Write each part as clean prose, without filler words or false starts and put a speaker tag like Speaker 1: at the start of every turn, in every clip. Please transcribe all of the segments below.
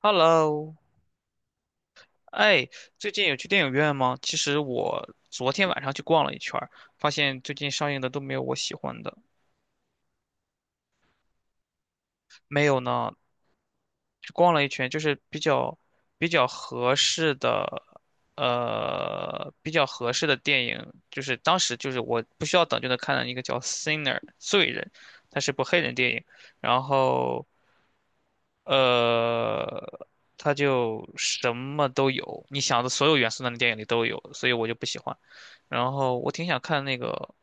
Speaker 1: Hello，哎，最近有去电影院吗？其实我昨天晚上去逛了一圈儿，发现最近上映的都没有我喜欢的。没有呢，去逛了一圈，就是比较合适的，比较合适的电影，就是当时就是我不需要等就能看的一个叫《Sinner》罪人，它是部黑人电影，然后呃，它就什么都有，你想的所有元素那个电影里都有，所以我就不喜欢。然后我挺想看那个，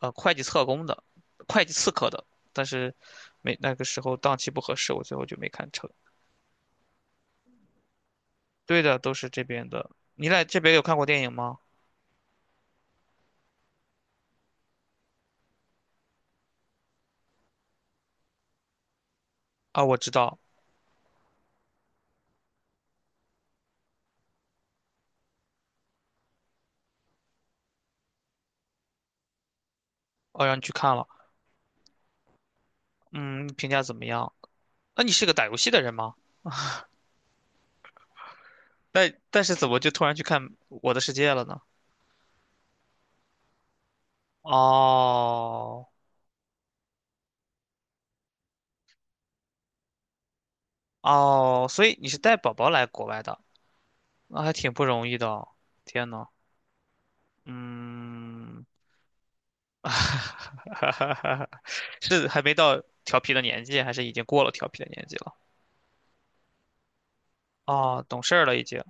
Speaker 1: 会计特工的，会计刺客的，但是没那个时候档期不合适，我最后就没看成。对的，都是这边的。你来这边有看过电影吗？啊，我知道，哦，让你去看了。嗯，评价怎么样？那你是个打游戏的人吗？但是怎么就突然去看《我的世界》了呢？哦，哦，所以你是带宝宝来国外的，那还挺不容易的哦。天呐，嗯，哈哈哈哈是还没到调皮的年纪，还是已经过了调皮的年纪了？哦，懂事儿了已经。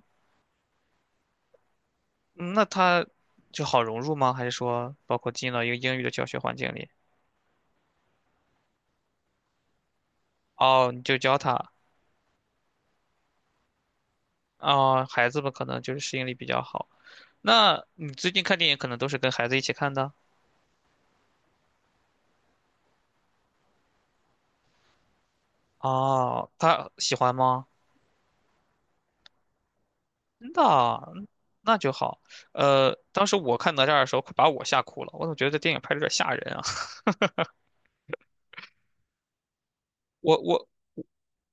Speaker 1: 嗯那他就好融入吗？还是说包括进了一个英语的教学环境里？哦，你就教他。哦，孩子们可能就是适应力比较好。那你最近看电影可能都是跟孩子一起看的？哦，他喜欢吗？那那就好。当时我看哪吒的时候，快把我吓哭了。我总觉得这电影拍的有点吓人啊。我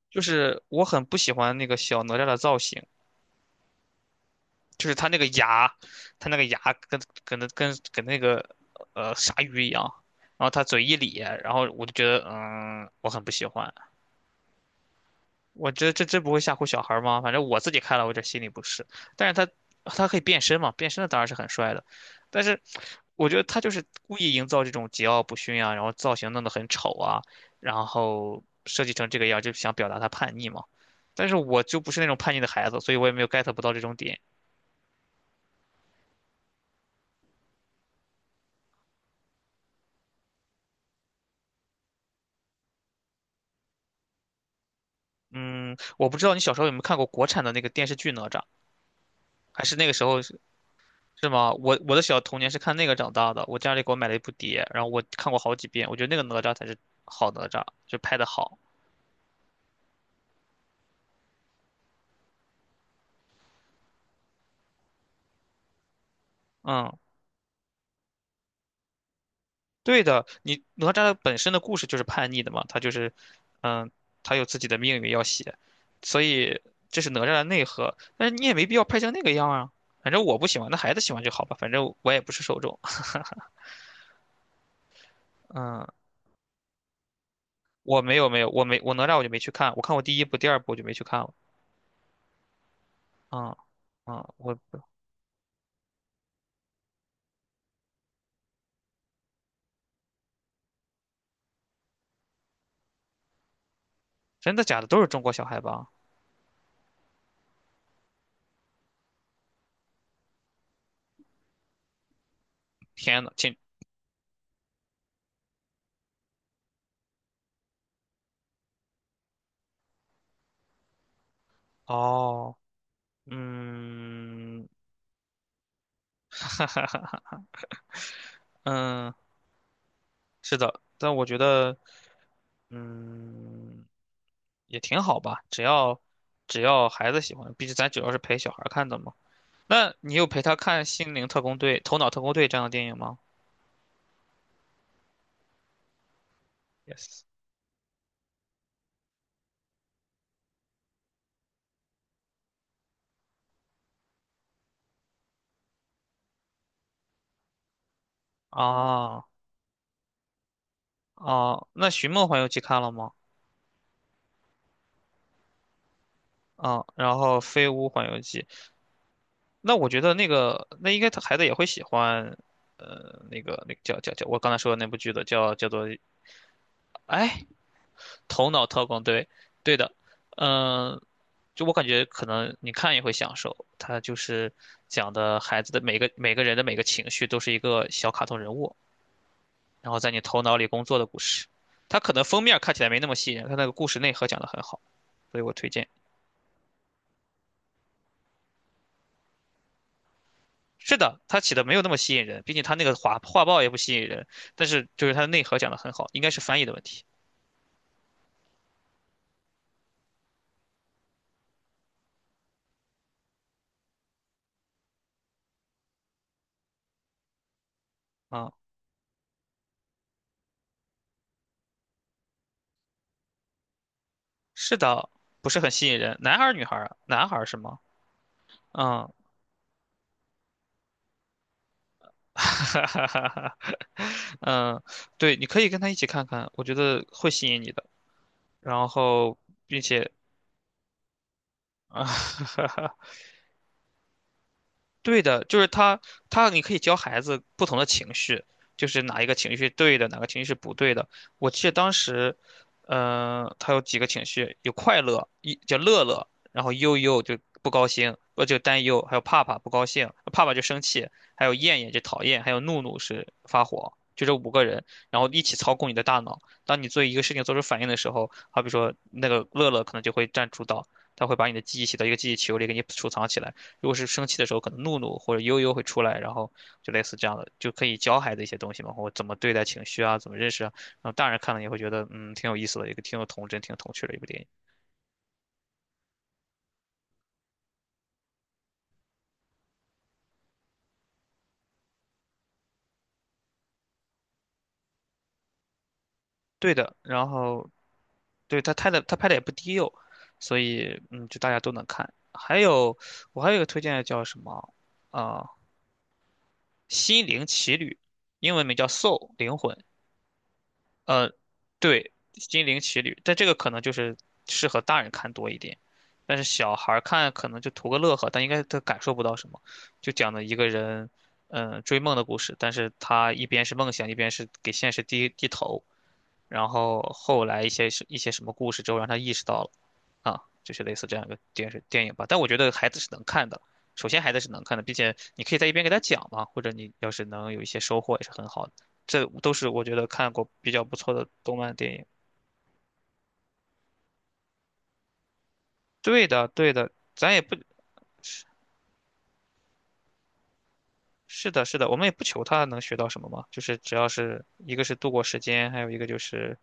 Speaker 1: 就是我很不喜欢那个小哪吒的造型，就是他那个牙，他那个牙跟那个鲨鱼一样，然后他嘴一咧，然后我就觉得嗯，我很不喜欢。我这真不会吓唬小孩儿吗？反正我自己看了，我有点心里不适。但是他他可以变身嘛，变身的当然是很帅的。但是我觉得他就是故意营造这种桀骜不驯啊，然后造型弄得很丑啊，然后设计成这个样儿，就想表达他叛逆嘛。但是我就不是那种叛逆的孩子，所以我也没有 get 不到这种点。嗯，我不知道你小时候有没有看过国产的那个电视剧《哪吒》，还是那个时候是吗？我的小童年是看那个长大的，我家里给我买了一部碟，然后我看过好几遍，我觉得那个哪吒才是好哪吒，就拍的好。嗯，对的，你哪吒的本身的故事就是叛逆的嘛，他就是，嗯，他有自己的命运要写，所以这是哪吒的内核。但是你也没必要拍成那个样啊，反正我不喜欢，那孩子喜欢就好吧，反正我也不是受众。嗯，我没有没有，我没我哪吒我就没去看，我看过第一部、第二部我就没去看了。嗯嗯，我真的假的都是中国小孩吧？天呐，请哦，嗯，哈哈哈哈，嗯，是的，但我觉得，嗯，也挺好吧，只要只要孩子喜欢，毕竟咱主要是陪小孩儿看的嘛。那你有陪他看《心灵特工队》《头脑特工队》这样的电影吗？Yes。啊啊，那《寻梦环游记》看了吗？啊，然后《飞屋环游记》，那我觉得那个那应该他孩子也会喜欢，那个那个叫，我刚才说的那部剧的叫做哎。头脑特工，队，对的，嗯，就我感觉可能你看也会享受，他就是讲的孩子的每个人的每个情绪都是一个小卡通人物，然后在你头脑里工作的故事。它可能封面看起来没那么吸引人，它那个故事内核讲得很好，所以我推荐。是的，它起的没有那么吸引人，毕竟它那个画报也不吸引人，但是就是它的内核讲得很好，应该是翻译的问题啊。是的，不是很吸引人，男孩儿女孩儿啊？男孩儿是吗？嗯，哈哈哈哈。嗯，对，你可以跟他一起看看，我觉得会吸引你的。然后，并且啊，对的，就是他，他你可以教孩子不同的情绪，就是哪一个情绪是对的，哪个情绪是不对的。我记得当时，嗯、他有几个情绪，有快乐，一叫乐乐，然后悠悠就不高兴，就担忧，还有怕怕不高兴，怕怕就生气，还有厌厌就讨厌，还有怒怒是发火，就这五个人，然后一起操控你的大脑。当你做一个事情做出反应的时候，好比说那个乐乐可能就会占主导，他会把你的记忆写到一个记忆球里，给你储藏起来。如果是生气的时候，可能怒怒或者悠悠会出来，然后就类似这样的，就可以教孩子一些东西嘛，或怎么对待情绪啊，怎么认识啊。然后大人看了也会觉得，嗯，挺有意思的，一个挺有童真、挺有童趣的一部电影。对的，然后对他拍的，他拍的也不低幼，所以嗯，就大家都能看。还有我还有一个推荐的叫什么啊，心灵奇旅》，英文名叫《Soul》灵魂，呃，对，《心灵奇旅》，但这个可能就是适合大人看多一点，但是小孩儿看可能就图个乐呵，但应该他感受不到什么。就讲的一个人，嗯、追梦的故事，但是他一边是梦想，一边是给现实低低头，然后后来一些什么故事之后，让他意识到了，啊，就是类似这样一个电视电影吧。但我觉得孩子是能看的，首先孩子是能看的，并且你可以在一边给他讲嘛，或者你要是能有一些收获也是很好的。这都是我觉得看过比较不错的动漫电影。对的，对的，咱也不是是的，是的，我们也不求他能学到什么嘛，就是只要是一个是度过时间，还有一个就是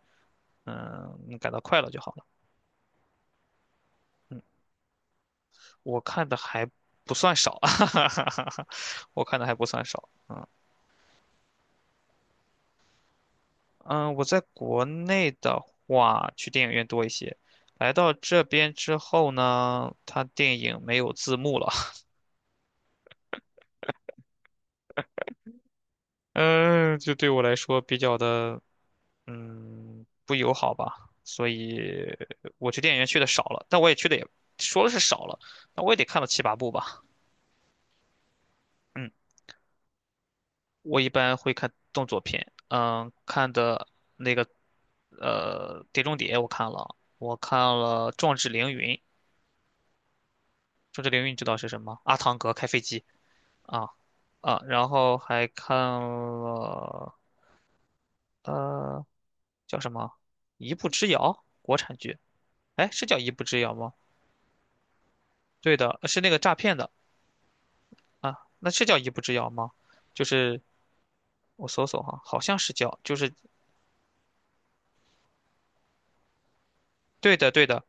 Speaker 1: 嗯感到快乐就好。了。我看的还不算少，我看的还不算少。嗯嗯，我在国内的话，去电影院多一些。来到这边之后呢，它电影没有字幕了，嗯，就对我来说比较的，嗯，不友好吧。所以我去电影院去的少了，但我也去的也说的是少了，那我也得看到七八部吧。嗯。我一般会看动作片，嗯，看的那个《碟中谍》我看了，我看了《壮志凌云》，《壮志凌云》你知道是什么？阿汤哥开飞机啊啊，然后还看了呃叫什么《一步之遥》国产剧，哎是叫《一步之遥》吗？对的，是那个诈骗的啊，那是叫《一步之遥》吗？就是我搜搜哈，好像是叫，就是对的对的，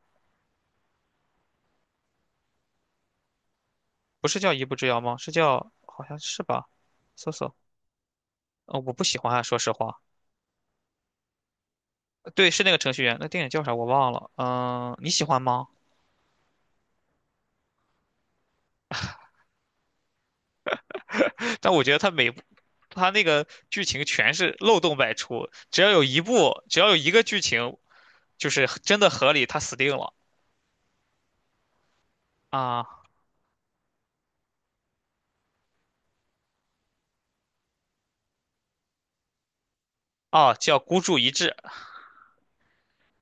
Speaker 1: 不是叫一步之遥吗？是叫好像是吧？搜索，我不喜欢啊，说实话。对，是那个程序员，那电影叫啥我忘了。嗯、你喜欢吗？但我觉得他每部他那个剧情全是漏洞百出，只要有一部，只要有一个剧情，就是真的合理，他死定了啊！哦，叫孤注一掷。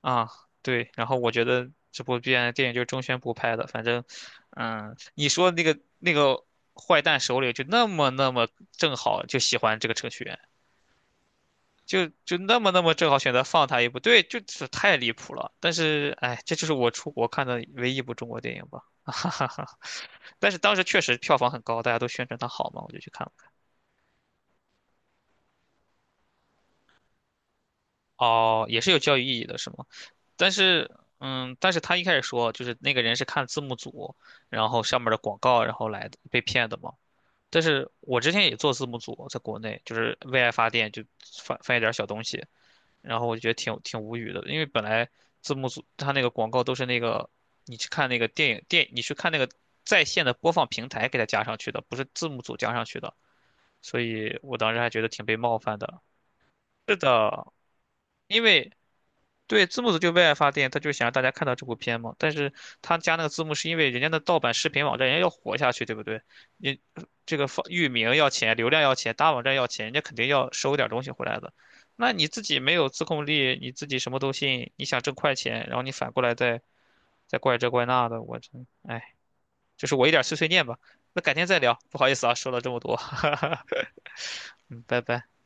Speaker 1: 啊，对，然后我觉得这部片电影就是中宣部拍的，反正，嗯，你说那个那个坏蛋首领就那么正好就喜欢这个程序员，就就那么正好选择放他一部，对，就是太离谱了。但是，哎，这就是我出国看的唯一一部中国电影吧，哈哈哈。但是当时确实票房很高，大家都宣传它好嘛，我就去看了。哦，也是有教育意义的，是吗？但是，嗯，但是他一开始说，就是那个人是看字幕组，然后上面的广告，然后来的被骗的嘛。但是我之前也做字幕组，在国内就是为爱发电，就翻翻一点小东西，然后我就觉得挺无语的，因为本来字幕组他那个广告都是那个，你去看那个电影电，你去看那个在线的播放平台给它加上去的，不是字幕组加上去的，所以我当时还觉得挺被冒犯的。是的，因为对，字幕组就为爱发电，他就想让大家看到这部片嘛。但是他加那个字幕是因为人家的盗版视频网站，人家要活下去，对不对？你这个放域名要钱，流量要钱，大网站要钱，人家肯定要收点东西回来的。那你自己没有自控力，你自己什么都信，你想挣快钱，然后你反过来再再怪这怪那的，我真，哎，就是我一点碎碎念吧。那改天再聊，不好意思啊，说了这么多，嗯，拜拜。